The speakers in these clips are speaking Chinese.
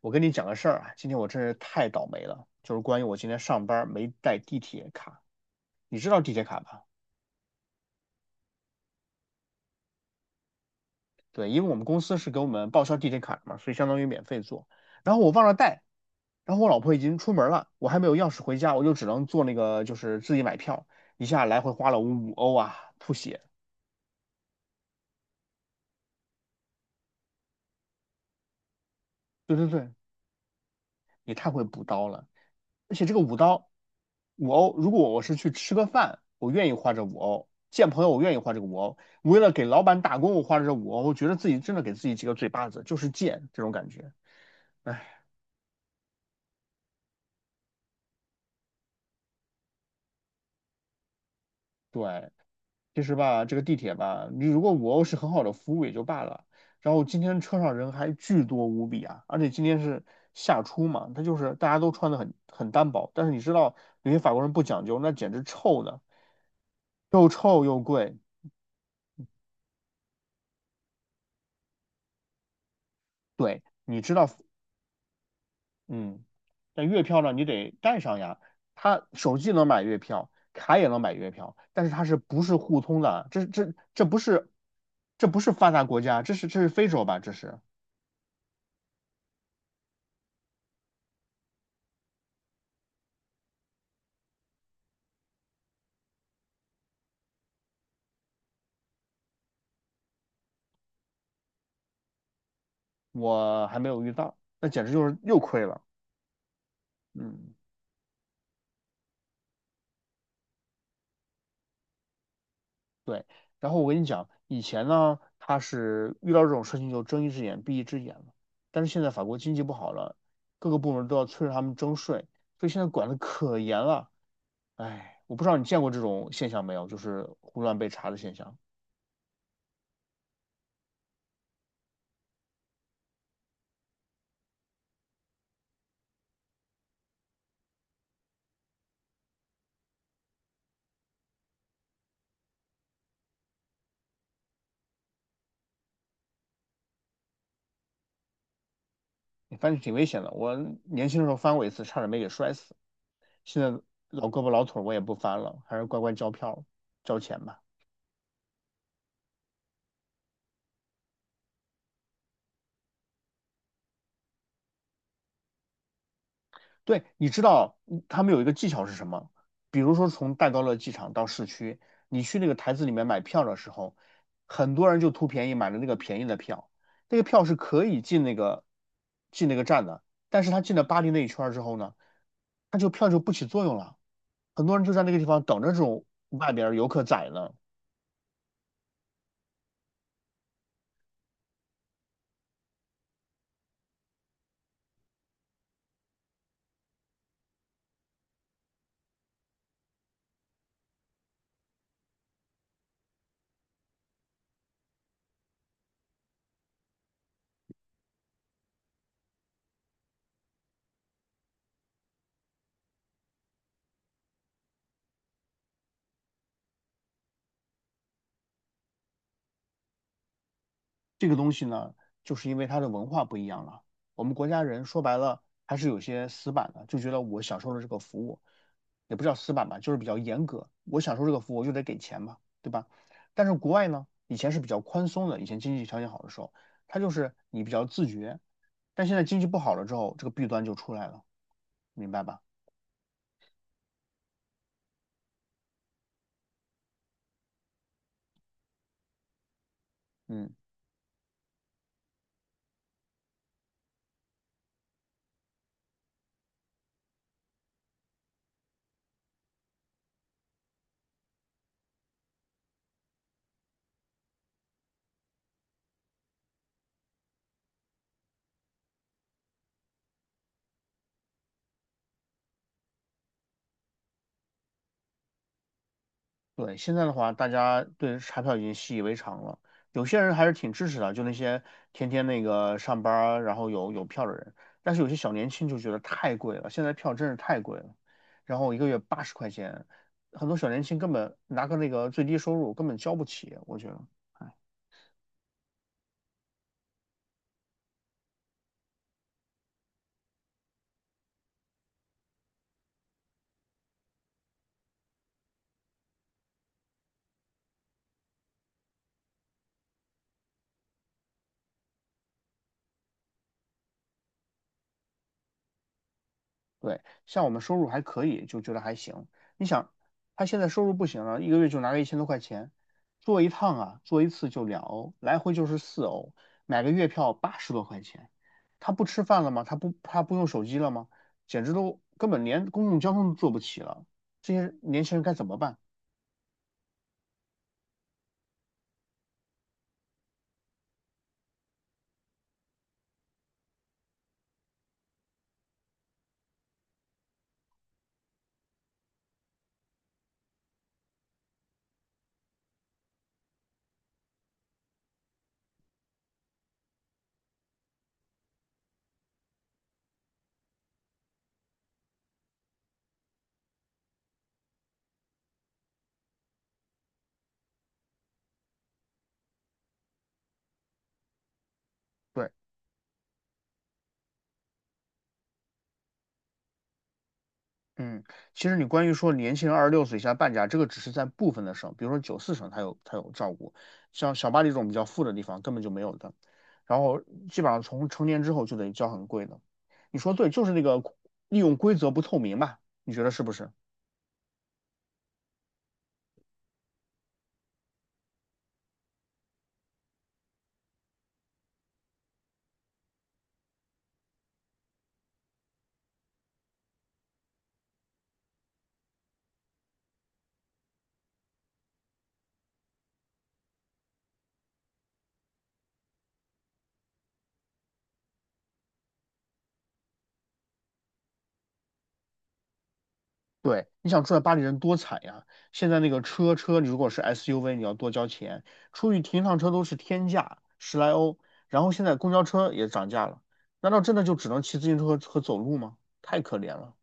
我跟你讲个事儿啊，今天我真是太倒霉了，就是关于我今天上班没带地铁卡。你知道地铁卡吧？对，因为我们公司是给我们报销地铁卡的嘛，所以相当于免费坐。然后我忘了带，然后我老婆已经出门了，我还没有钥匙回家，我就只能坐那个就是自己买票，一下来回花了五欧啊，吐血。对对对，也太会补刀了。而且这个5刀，五欧，如果我是去吃个饭，我愿意花这五欧；见朋友，我愿意花这个五欧。为了给老板打工，我花这五欧，我觉得自己真的给自己几个嘴巴子，就是贱这种感觉。哎，对，其实吧，这个地铁吧，你如果五欧是很好的服务也就罢了，然后今天车上人还巨多无比啊，而且今天是夏初嘛，他就是大家都穿的很单薄，但是你知道有些法国人不讲究，那简直臭的，又臭又贵，对，你知道，嗯，但月票呢，你得带上呀。它手机能买月票，卡也能买月票，但是它是不是互通的？这不是，这不是发达国家，这是非洲吧？我还没有遇到，那简直就是又亏了。嗯，对。然后我跟你讲，以前呢，它是遇到这种事情就睁一只眼闭一只眼了，但是现在法国经济不好了，各个部门都要催着他们征税，所以现在管的可严了。哎，我不知道你见过这种现象没有，就是胡乱被查的现象，反正挺危险的。我年轻的时候翻过一次，差点没给摔死。现在老胳膊老腿儿我也不翻了，还是乖乖交票交钱吧。对，你知道他们有一个技巧是什么？比如说从戴高乐机场到市区，你去那个台子里面买票的时候，很多人就图便宜买了那个便宜的票，那个票是可以进那个进那个站的，但是他进了巴黎那一圈儿之后呢，他就票就不起作用了。很多人就在那个地方等着这种外边儿游客宰呢。这个东西呢，就是因为它的文化不一样了。我们国家人说白了还是有些死板的，就觉得我享受了这个服务，也不叫死板吧，就是比较严格。我享受这个服务，我就得给钱嘛，对吧？但是国外呢，以前是比较宽松的，以前经济条件好的时候，它就是你比较自觉。但现在经济不好了之后，这个弊端就出来了，明白吧？嗯。对，现在的话，大家对彩票已经习以为常了。有些人还是挺支持的，就那些天天那个上班儿然后有票的人。但是有些小年轻就觉得太贵了，现在票真是太贵了，然后一个月80块钱，很多小年轻根本拿个那个最低收入根本交不起，我觉得。对，像我们收入还可以，就觉得还行。你想，他现在收入不行了，一个月就拿个1000多块钱，坐一趟啊，坐一次就2欧，来回就是4欧，买个月票80多块钱。他不吃饭了吗？他不用手机了吗？简直都根本连公共交通都坐不起了。这些年轻人该怎么办？对。嗯，其实你关于说年轻人26岁以下半价，这个只是在部分的省，比如说94省它有照顾，像小巴黎这种比较富的地方根本就没有的。然后基本上从成年之后就得交很贵的。你说对，就是那个利用规则不透明嘛，你觉得是不是？对，你想住在巴黎人多惨呀！现在那个车车，你如果是 SUV，你要多交钱，出去停一趟车都是天价，十来欧。然后现在公交车也涨价了，难道真的就只能骑自行车和走路吗？太可怜了。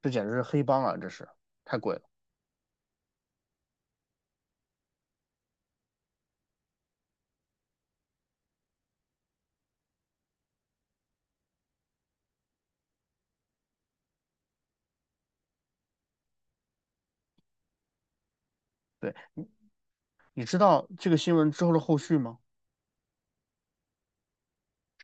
这简直是黑帮啊！这是太贵了。对，你知道这个新闻之后的后续吗？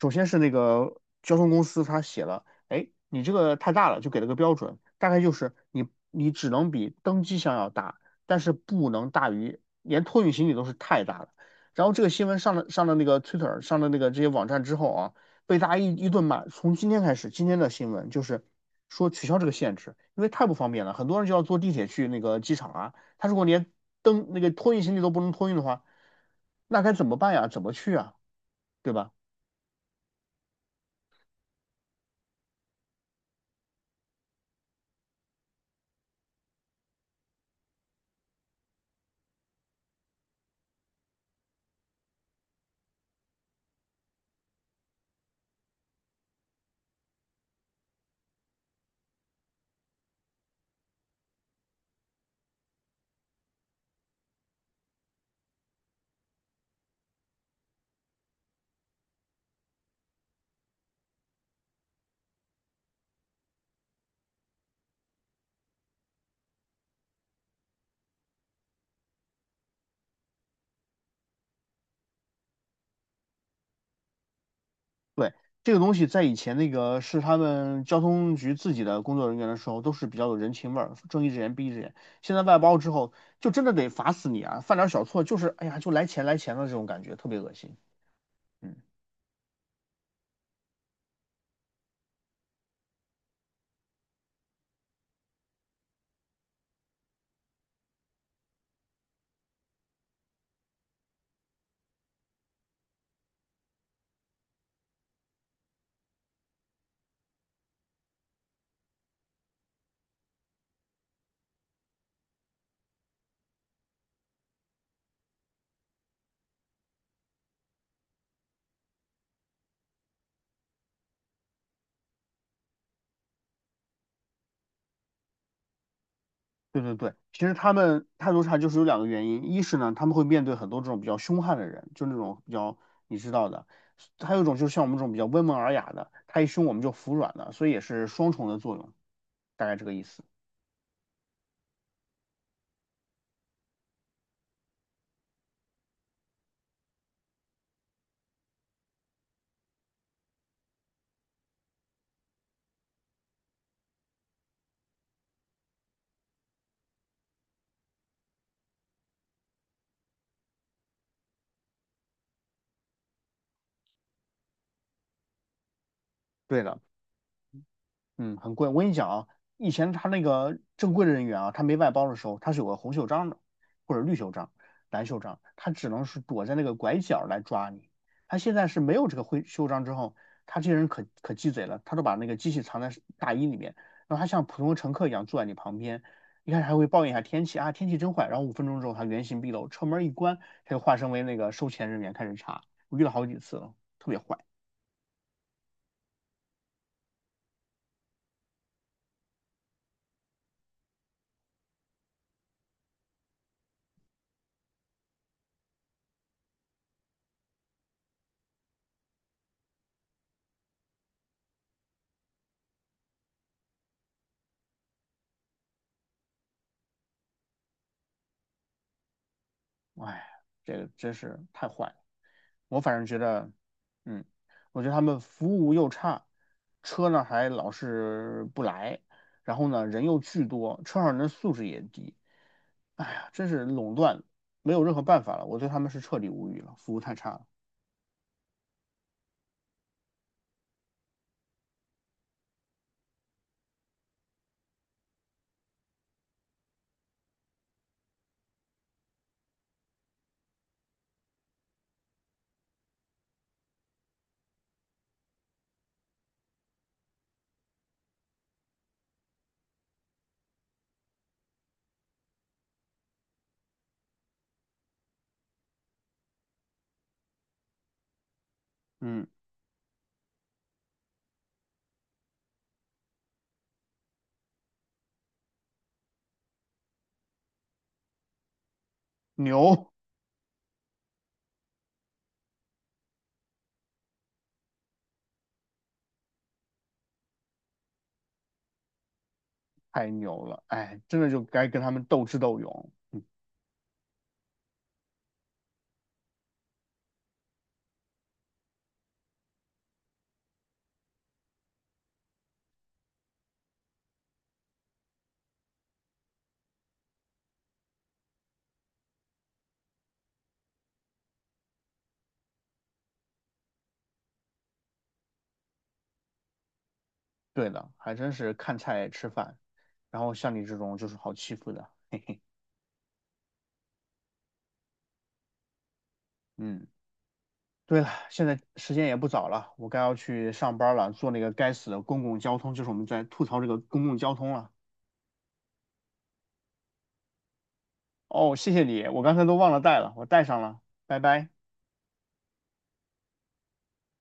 首先是那个交通公司，他写了，哎，你这个太大了，就给了个标准，大概就是你只能比登机箱要大，但是不能大于，连托运行李都是太大了。然后这个新闻上了那个 Twitter 上了那个这些网站之后啊，被大家一顿骂。从今天开始，今天的新闻就是说取消这个限制，因为太不方便了，很多人就要坐地铁去那个机场啊。他如果连登那个托运行李都不能托运的话，那该怎么办呀？怎么去啊？对吧？对，这个东西在以前那个是他们交通局自己的工作人员的时候，都是比较有人情味儿，睁一只眼闭一只眼。现在外包之后，就真的得罚死你啊！犯点小错就是，哎呀，就来钱来钱的这种感觉，特别恶心。嗯，对对对，其实他们态度差就是有两个原因，一是呢，他们会面对很多这种比较凶悍的人，就那种比较你知道的；还有一种就是像我们这种比较温文尔雅的，他一凶我们就服软了，所以也是双重的作用，大概这个意思。对的。嗯，很贵。我跟你讲啊，以前他那个正规的人员啊，他没外包的时候，他是有个红袖章的，或者绿袖章、蓝袖章，他只能是躲在那个拐角来抓你。他现在是没有这个灰袖章之后，他这些人可鸡贼了，他都把那个机器藏在大衣里面，然后他像普通乘客一样坐在你旁边，一开始还会抱怨一下天气啊，天气真坏，然后5分钟之后他原形毕露，车门一关，他就化身为那个收钱人员开始查。我遇到好几次了，特别坏。哎，这个真是太坏了。我反正觉得，嗯，我觉得他们服务又差，车呢还老是不来，然后呢人又巨多，车上人的素质也低。哎呀，真是垄断，没有任何办法了。我对他们是彻底无语了，服务太差了。嗯，牛太牛了，哎，真的就该跟他们斗智斗勇。嗯，对的，还真是看菜吃饭，然后像你这种就是好欺负的。嗯。对了，现在时间也不早了，我该要去上班了，坐那个该死的公共交通，就是我们在吐槽这个公共交通了。哦，谢谢你，我刚才都忘了带了，我带上了，拜拜。